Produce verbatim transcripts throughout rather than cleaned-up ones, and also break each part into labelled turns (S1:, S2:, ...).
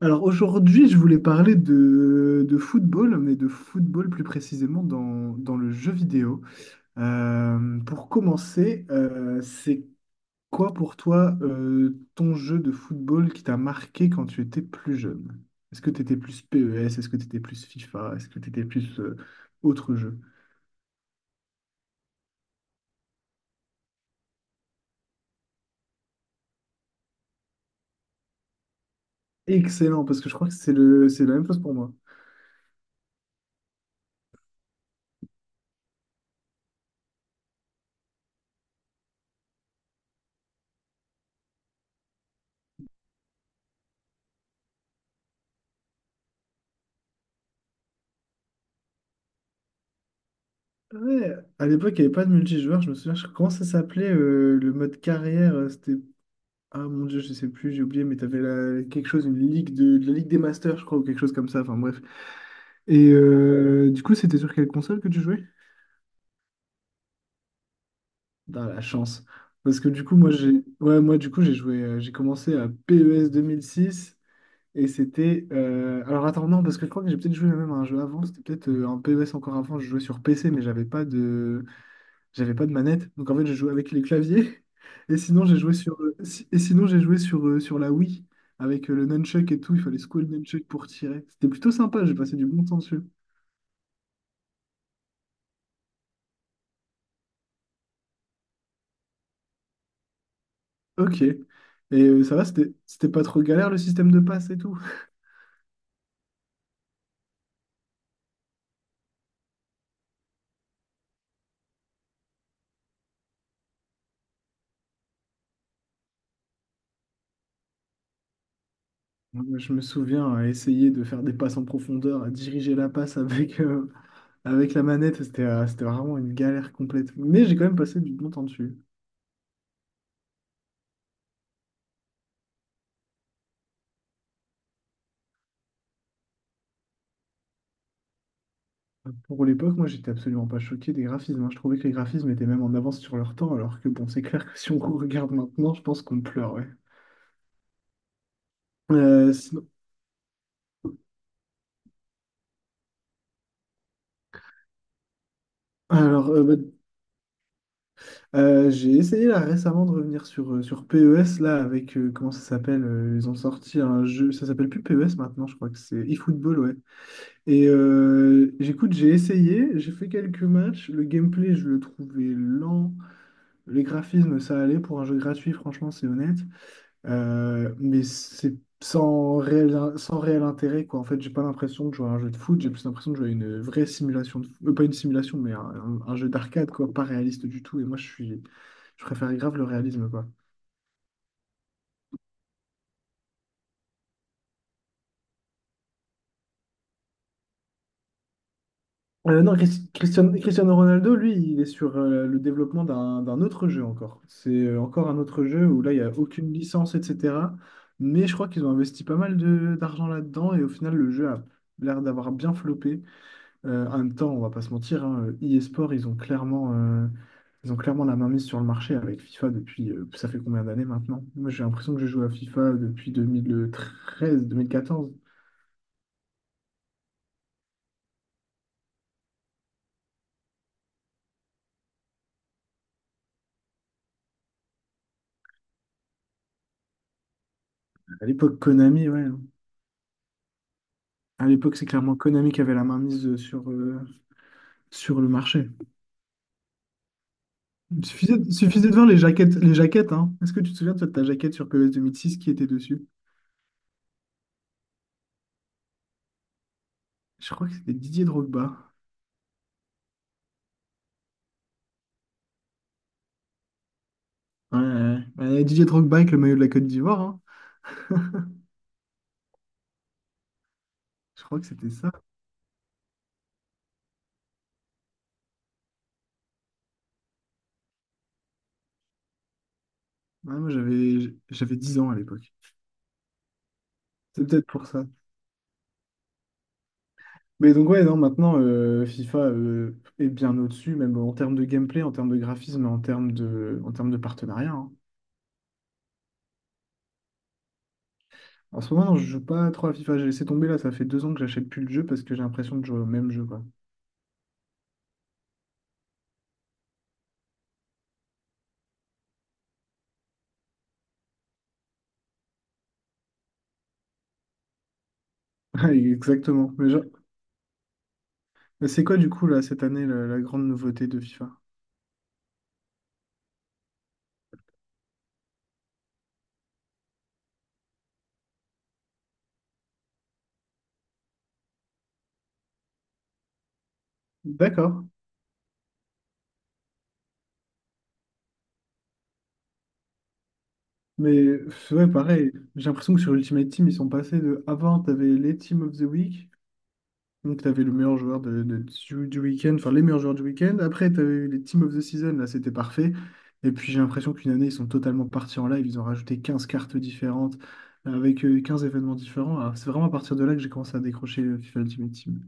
S1: Alors aujourd'hui, je voulais parler de, de football, mais de football plus précisément dans, dans le jeu vidéo. Euh, pour commencer, euh, c'est quoi pour toi euh, ton jeu de football qui t'a marqué quand tu étais plus jeune? Est-ce que tu étais plus P E S? Est-ce que tu étais plus FIFA? Est-ce que tu étais plus euh, autre jeu? Excellent, parce que je crois que c'est le, c'est la même chose pour moi. Ouais, à l'époque, il n'y avait pas de multijoueur. Je me souviens, je- comment ça s'appelait euh, le mode carrière? Euh, C'était Ah mon Dieu, je sais plus, j'ai oublié, mais t'avais la quelque chose, une ligue de... de la Ligue des Masters, je crois, ou quelque chose comme ça, enfin bref. Et euh, du coup, c'était sur quelle console que tu jouais? Dans la chance. Parce que du coup, moi, j'ai ouais, moi, du coup, j'ai joué, euh, j'ai commencé à P E S six et c'était... euh, Alors attends, non, parce que je crois que j'ai peut-être joué même à un jeu avant, c'était peut-être euh, un P E S encore avant, je jouais sur P C, mais j'avais pas de. J'avais pas de manette, donc en fait j'ai joué avec les claviers. Et sinon j'ai joué sur euh, si- et sinon j'ai joué sur, euh, sur la Wii avec euh, le nunchuck et tout. Il fallait secouer le nunchuck pour tirer. C'était plutôt sympa. J'ai passé du bon temps dessus. Ok. Et euh, ça va, c'était c'était pas trop galère le système de passe et tout. Moi, je me souviens à essayer de faire des passes en profondeur, à diriger la passe avec, euh, avec la manette. C'était euh, c'était vraiment une galère complète. Mais j'ai quand même passé du bon temps dessus. Pour l'époque, moi, j'étais absolument pas choqué des graphismes, hein. Je trouvais que les graphismes étaient même en avance sur leur temps, alors que bon, c'est clair que si on regarde maintenant, je pense qu'on pleure, ouais. Euh, sinon- alors, euh, bah, euh, j'ai essayé là récemment de revenir sur, euh, sur P E S, là, avec, euh, comment ça s'appelle? Euh, ils ont sorti un jeu, ça s'appelle plus P E S maintenant, je crois que c'est eFootball, ouais. Et euh, j'écoute, j'ai essayé, j'ai fait quelques matchs, le gameplay, je le trouvais lent, les graphismes, ça allait pour un jeu gratuit, franchement, c'est honnête. Euh, mais c'est sans réel, sans réel intérêt, quoi. En fait, j'ai pas l'impression de jouer à un jeu de foot, j'ai plus l'impression de jouer à une vraie simulation de foot. Pas une simulation, mais un, un- un jeu d'arcade, quoi, pas réaliste du tout. Et moi, je suis, je préfère grave le réalisme, quoi. Euh, non, Chris- Christian- Cristiano Ronaldo, lui, il est sur euh, le développement d'un d'un autre jeu encore. C'est euh, encore un autre jeu où là, il n'y a aucune licence, et cetera. Mais je crois qu'ils ont investi pas mal de- d'argent là-dedans et au final, le jeu a l'air d'avoir bien floppé. Euh, en même temps, on va pas se mentir, hein, e-sport, ils ont clairement, euh, ils ont clairement la main mise sur le marché avec FIFA depuis, euh, ça fait combien d'années maintenant? Moi, j'ai l'impression que je joue à FIFA depuis deux mille treize, deux mille quatorze. À l'époque, Konami, ouais, hein. À l'époque, c'est clairement Konami qui avait la main mise euh, sur, euh, sur le marché. Il suffisait, il suffisait de voir les jaquettes, les jaquettes, hein. Est-ce que tu te souviens, toi, de ta jaquette sur P E S deux mille six qui était dessus? Je crois que c'était Didier Drogba. Ouais, ouais, ouais. Ouais, Didier Drogba avec le maillot de la Côte d'Ivoire, hein. Je crois que c'était ça. Ouais, moi, j'avais, j'avais dix ans à l'époque. C'est peut-être pour ça. Mais donc, ouais, non, maintenant, euh, FIFA euh, est bien au-dessus, même en termes de gameplay, en termes de graphisme, en termes de, en termes de partenariat, hein. En ce moment, non, je joue pas trop à FIFA. J'ai laissé tomber là, ça fait deux ans que j'achète plus le jeu parce que j'ai l'impression de jouer au même jeu, quoi. Ouais, exactement. Mais, genre- mais c'est quoi, du coup, là, cette année, la, la grande nouveauté de FIFA? D'accord. Mais, pff, ouais, pareil, j'ai l'impression que sur Ultimate Team, ils sont passés de avant, t'avais les Team of the Week. Donc, tu avais le meilleur joueur de, de- du, du week-end, enfin les meilleurs joueurs du week-end. Après, tu avais eu les Team of the Season, là, c'était parfait. Et puis, j'ai l'impression qu'une année, ils sont totalement partis en live. Ils ont rajouté quinze cartes différentes, euh, avec euh, quinze événements différents. Alors, c'est vraiment à partir de là que j'ai commencé à décrocher euh, FIFA Ultimate Team.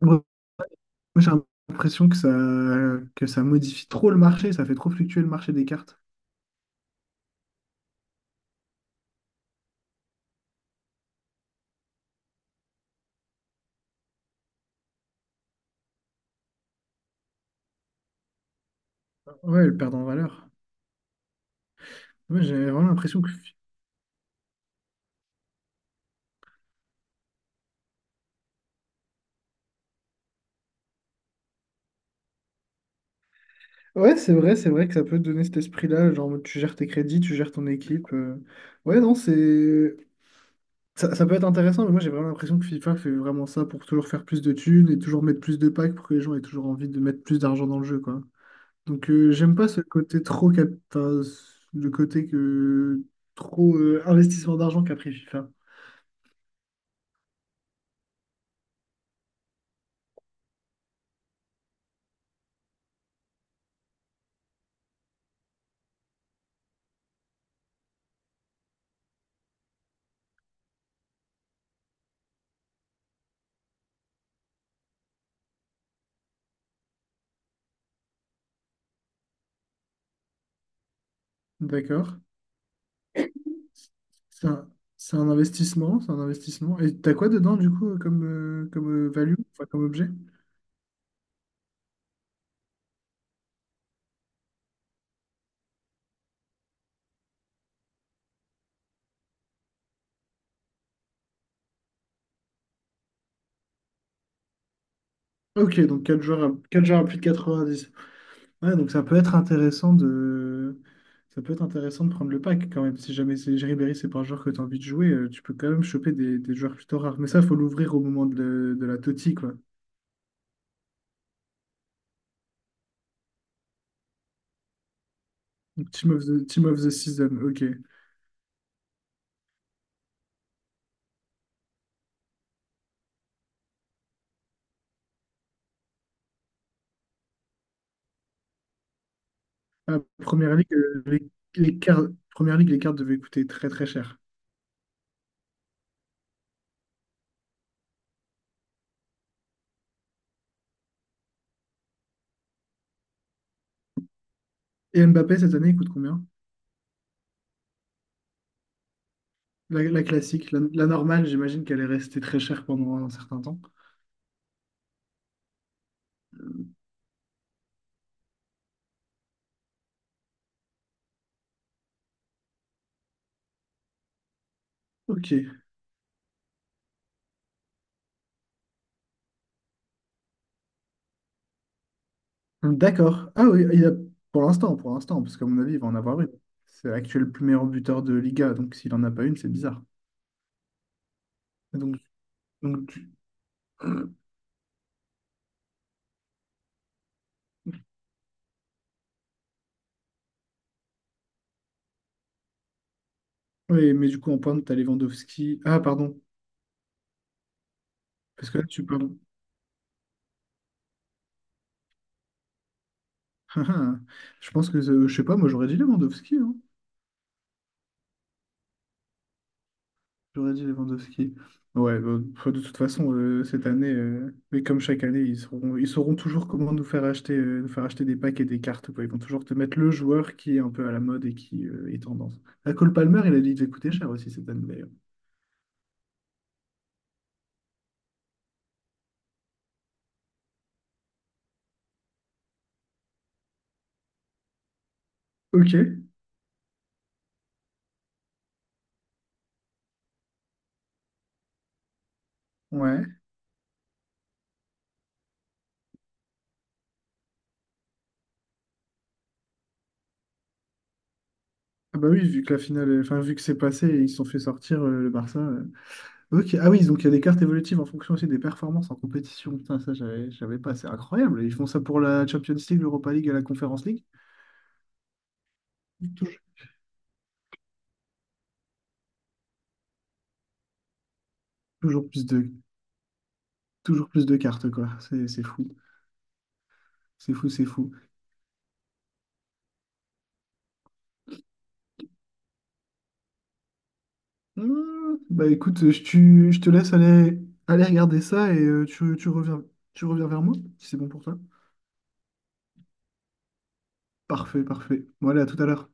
S1: Moi, moi, j'ai l'impression que ça, que ça modifie trop le marché, ça fait trop fluctuer le marché des cartes. Ouais, elles perdent en valeur. Moi, j'ai vraiment l'impression que. Ouais, c'est vrai, c'est vrai que ça peut te donner cet esprit-là, genre en mode, tu gères tes crédits, tu gères ton équipe. euh, Ouais, non, c'est. Ça, ça peut être intéressant, mais moi j'ai vraiment l'impression que FIFA fait vraiment ça pour toujours faire plus de thunes et toujours mettre plus de packs pour que les gens aient toujours envie de mettre plus d'argent dans le jeu, quoi. Donc euh, j'aime pas ce côté trop cap... enfin, ce- le côté que trop euh, investissement d'argent qu'a pris FIFA. D'accord. C'est un, c'est un investissement, c'est un investissement. Et t'as quoi dedans du coup comme, euh, comme euh, value, enfin comme objet? Ok, donc quatre joueurs à, quatre joueurs à plus de quatre-vingt-dix. Ouais, donc ça peut être intéressant de... ça peut être intéressant de prendre le pack quand même. Si jamais c'est Ribéry, c'est pas un joueur que tu as envie de jouer, euh, tu peux quand même choper des, des joueurs plutôt rares. Mais ça, il faut l'ouvrir au moment de, le- de la Totti, quoi. Donc, Team of the, Team of the Season, ok. Ah, première ligue, euh, les, les cartes. Première ligue, les cartes devaient coûter très très cher. Et Mbappé, cette année, il coûte combien? La, la classique, la, la normale, j'imagine qu'elle est restée très chère pendant un certain temps. Ok. D'accord. Ah oui, il a, pour l'instant, pour l'instant, parce qu'à mon avis, il va en avoir une. C'est l'actuel plus meilleur buteur de Liga, donc s'il en a pas une, c'est bizarre. Et Donc, donc tu- oui, mais du coup, en pointe, t'as Lewandowski. Ah, pardon, parce que là, tu parles. Je pense que, euh, je sais pas, moi, j'aurais dit Lewandowski, hein. J'aurais dit Lewandowski. Ouais, bah, de toute façon, euh, cette année, euh, mais comme chaque année, ils sauront, ils sauront toujours comment nous faire acheter, euh, nous faire acheter des packs et des cartes, quoi. Ils vont toujours te mettre le joueur qui est un peu à la mode et qui euh, est tendance. La Cole Palmer, il a dit qu'il devait coûter cher aussi cette année, d'ailleurs. Ok, ouais. Ah bah oui, vu que la finale, euh, enfin, vu que c'est passé et ils se sont fait sortir euh, le Barça. euh. Ok, ah oui, donc il y a des cartes évolutives en fonction aussi des performances en compétition. Putain, ça, j'avais, j'avais pas. C'est incroyable. Ils font ça pour la Champions League, l'Europa League et la Conference League. Tou- Toujours plus de Toujours plus de cartes, quoi. C'est c'est fou. C'est fou, c'est fou. Hmm, bah écoute, je, tu- je te laisse aller, aller regarder ça et euh, tu, tu reviens, tu reviens vers moi, si c'est bon pour toi. Parfait, parfait. Voilà, à tout à l'heure.